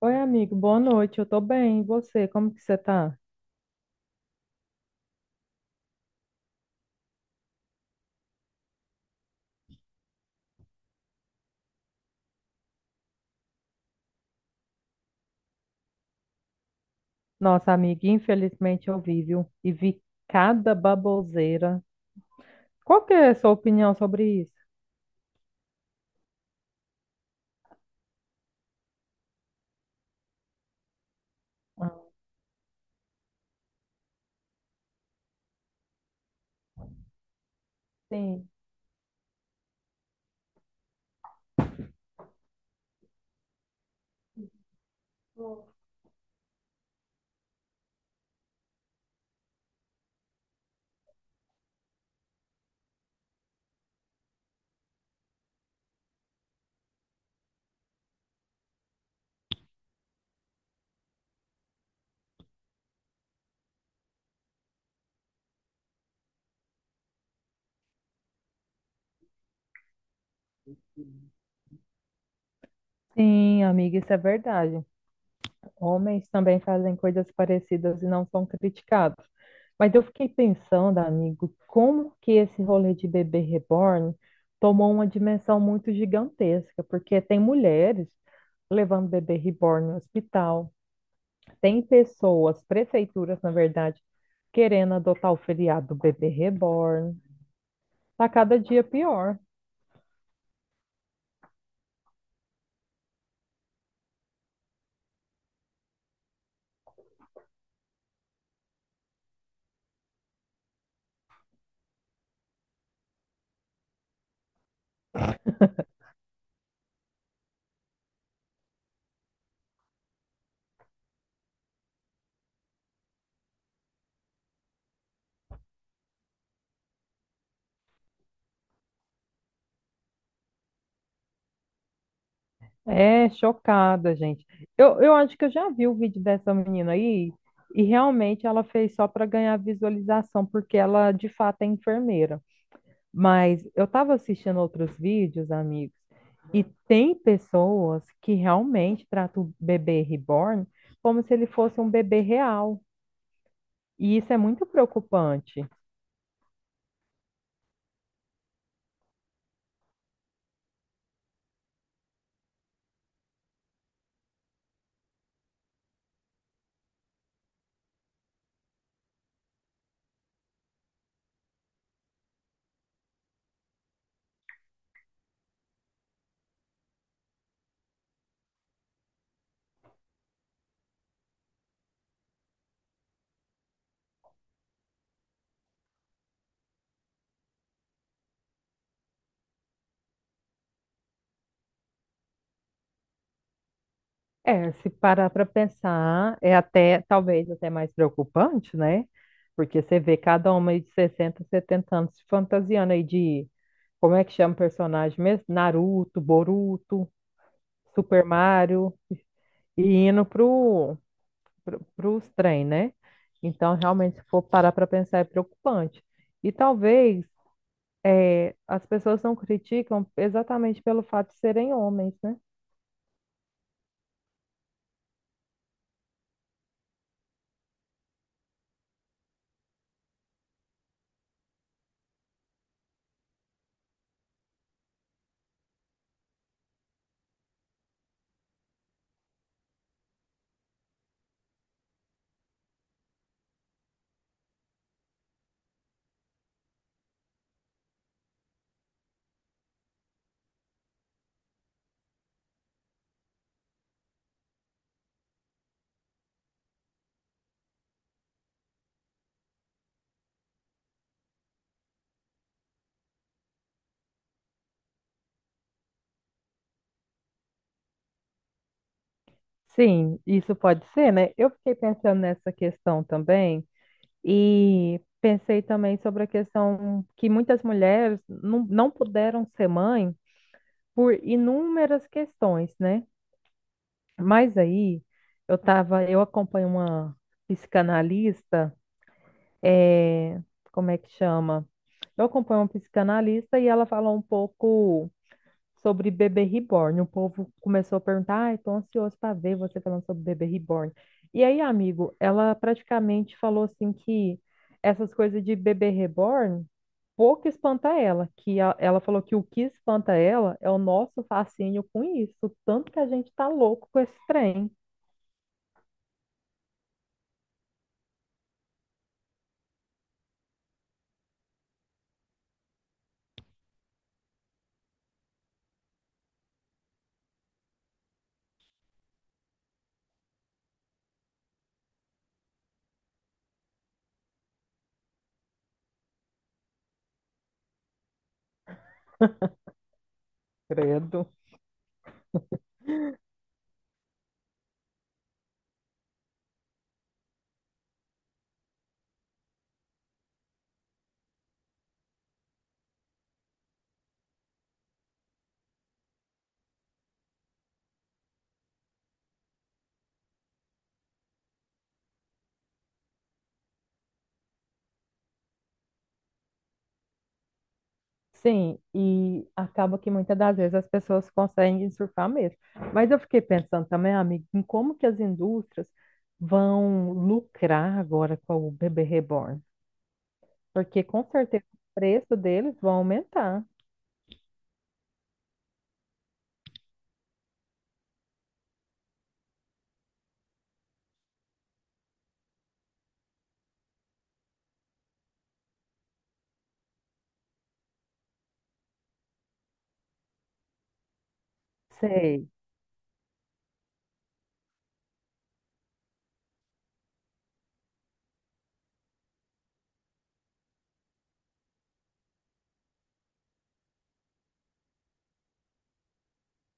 Oi, amigo, boa noite. Eu tô bem. E você, como que você tá? Nossa, amiga, infelizmente eu vi, viu? E vi cada baboseira. Qual que é a sua opinião sobre isso? Sim, Sim, amiga, isso é verdade. Homens também fazem coisas parecidas e não são criticados. Mas eu fiquei pensando, amigo, como que esse rolê de bebê reborn tomou uma dimensão muito gigantesca, porque tem mulheres levando bebê reborn no hospital. Tem pessoas, prefeituras, na verdade, querendo adotar o feriado do bebê reborn. Tá cada dia pior. É chocada, gente. Eu acho que eu já vi o vídeo dessa menina aí e realmente ela fez só para ganhar visualização, porque ela de fato é enfermeira. Mas eu estava assistindo outros vídeos, amigos, e tem pessoas que realmente tratam o bebê reborn como se ele fosse um bebê real. E isso é muito preocupante. É, se parar para pensar, é até, talvez até mais preocupante, né? Porque você vê cada homem de 60, 70 anos se fantasiando aí de, como é que chama o personagem mesmo? Naruto, Boruto, Super Mario, e indo pro, pros trem, né? Então, realmente, se for parar para pensar, é preocupante. E talvez as pessoas não criticam exatamente pelo fato de serem homens, né? Sim, isso pode ser, né? Eu fiquei pensando nessa questão também e pensei também sobre a questão que muitas mulheres não puderam ser mãe por inúmeras questões, né? Mas aí eu tava, eu acompanho uma psicanalista, é, como é que chama? Eu acompanho uma psicanalista e ela falou um pouco sobre bebê reborn. O povo começou a perguntar, ai, tô ansioso para ver você falando sobre bebê reborn. E aí, amigo, ela praticamente falou assim que essas coisas de bebê reborn pouco espanta ela, que ela falou que o que espanta ela é o nosso fascínio com isso, tanto que a gente tá louco com esse trem. Credo. Sim, e acaba que muitas das vezes as pessoas conseguem surfar mesmo. Mas eu fiquei pensando também, amigo, em como que as indústrias vão lucrar agora com o bebê reborn. Porque com certeza o preço deles vão aumentar. Sei.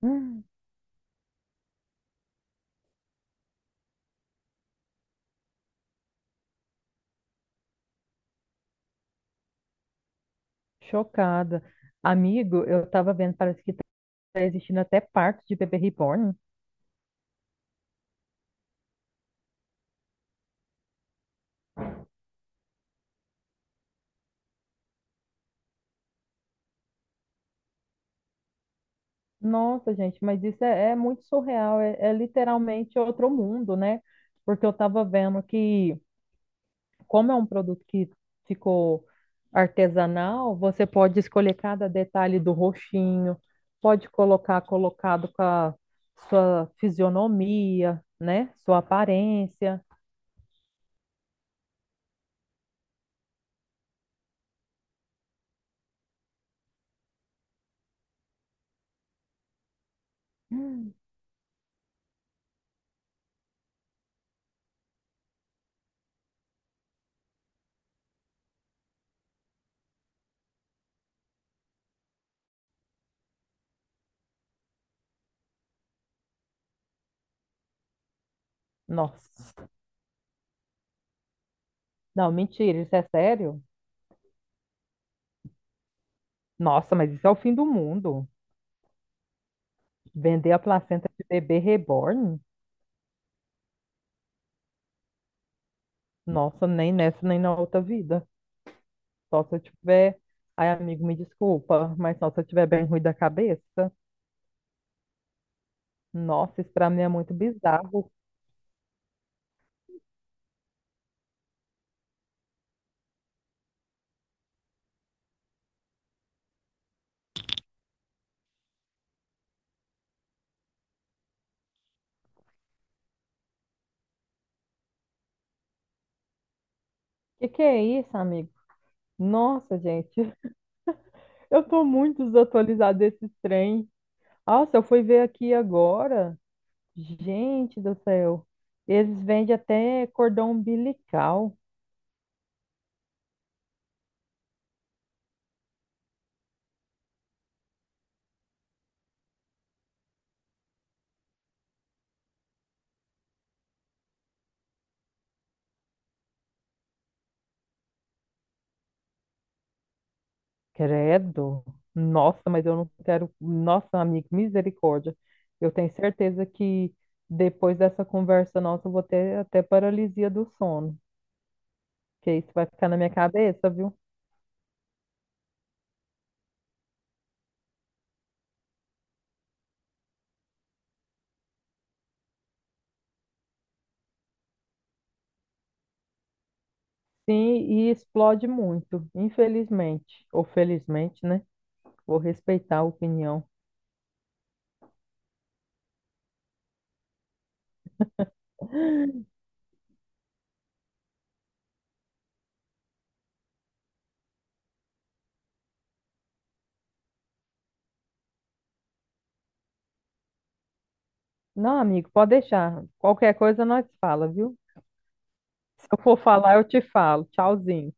Hum, chocada. Amigo, eu estava vendo, parece que está existindo até parto de bebê reborn. Nossa, gente, mas isso é, é muito surreal. É é literalmente outro mundo, né? Porque eu estava vendo que, como é um produto que ficou artesanal, você pode escolher cada detalhe do roxinho, pode colocar colocado com a sua fisionomia, né? Sua aparência. Nossa, não, mentira, isso é sério? Nossa, mas isso é o fim do mundo. Vender a placenta de bebê reborn? Nossa, nem nessa, nem na outra vida. Só se eu tiver. Ai, amigo, me desculpa, mas só se eu tiver bem ruim da cabeça. Nossa, isso pra mim é muito bizarro. Que é isso, amigo? Nossa, gente, eu tô muito desatualizada desses trem. Nossa, eu fui ver aqui agora. Gente do céu. Eles vendem até cordão umbilical. Credo. Nossa, mas eu não quero. Nossa, amigo, misericórdia. Eu tenho certeza que depois dessa conversa nossa, eu vou ter até paralisia do sono. Que isso vai ficar na minha cabeça, viu? Sim, e explode muito, infelizmente. Ou felizmente, né? Vou respeitar a opinião. Não, amigo, pode deixar. Qualquer coisa nós fala, viu? Se eu for falar, eu te falo. Tchauzinho.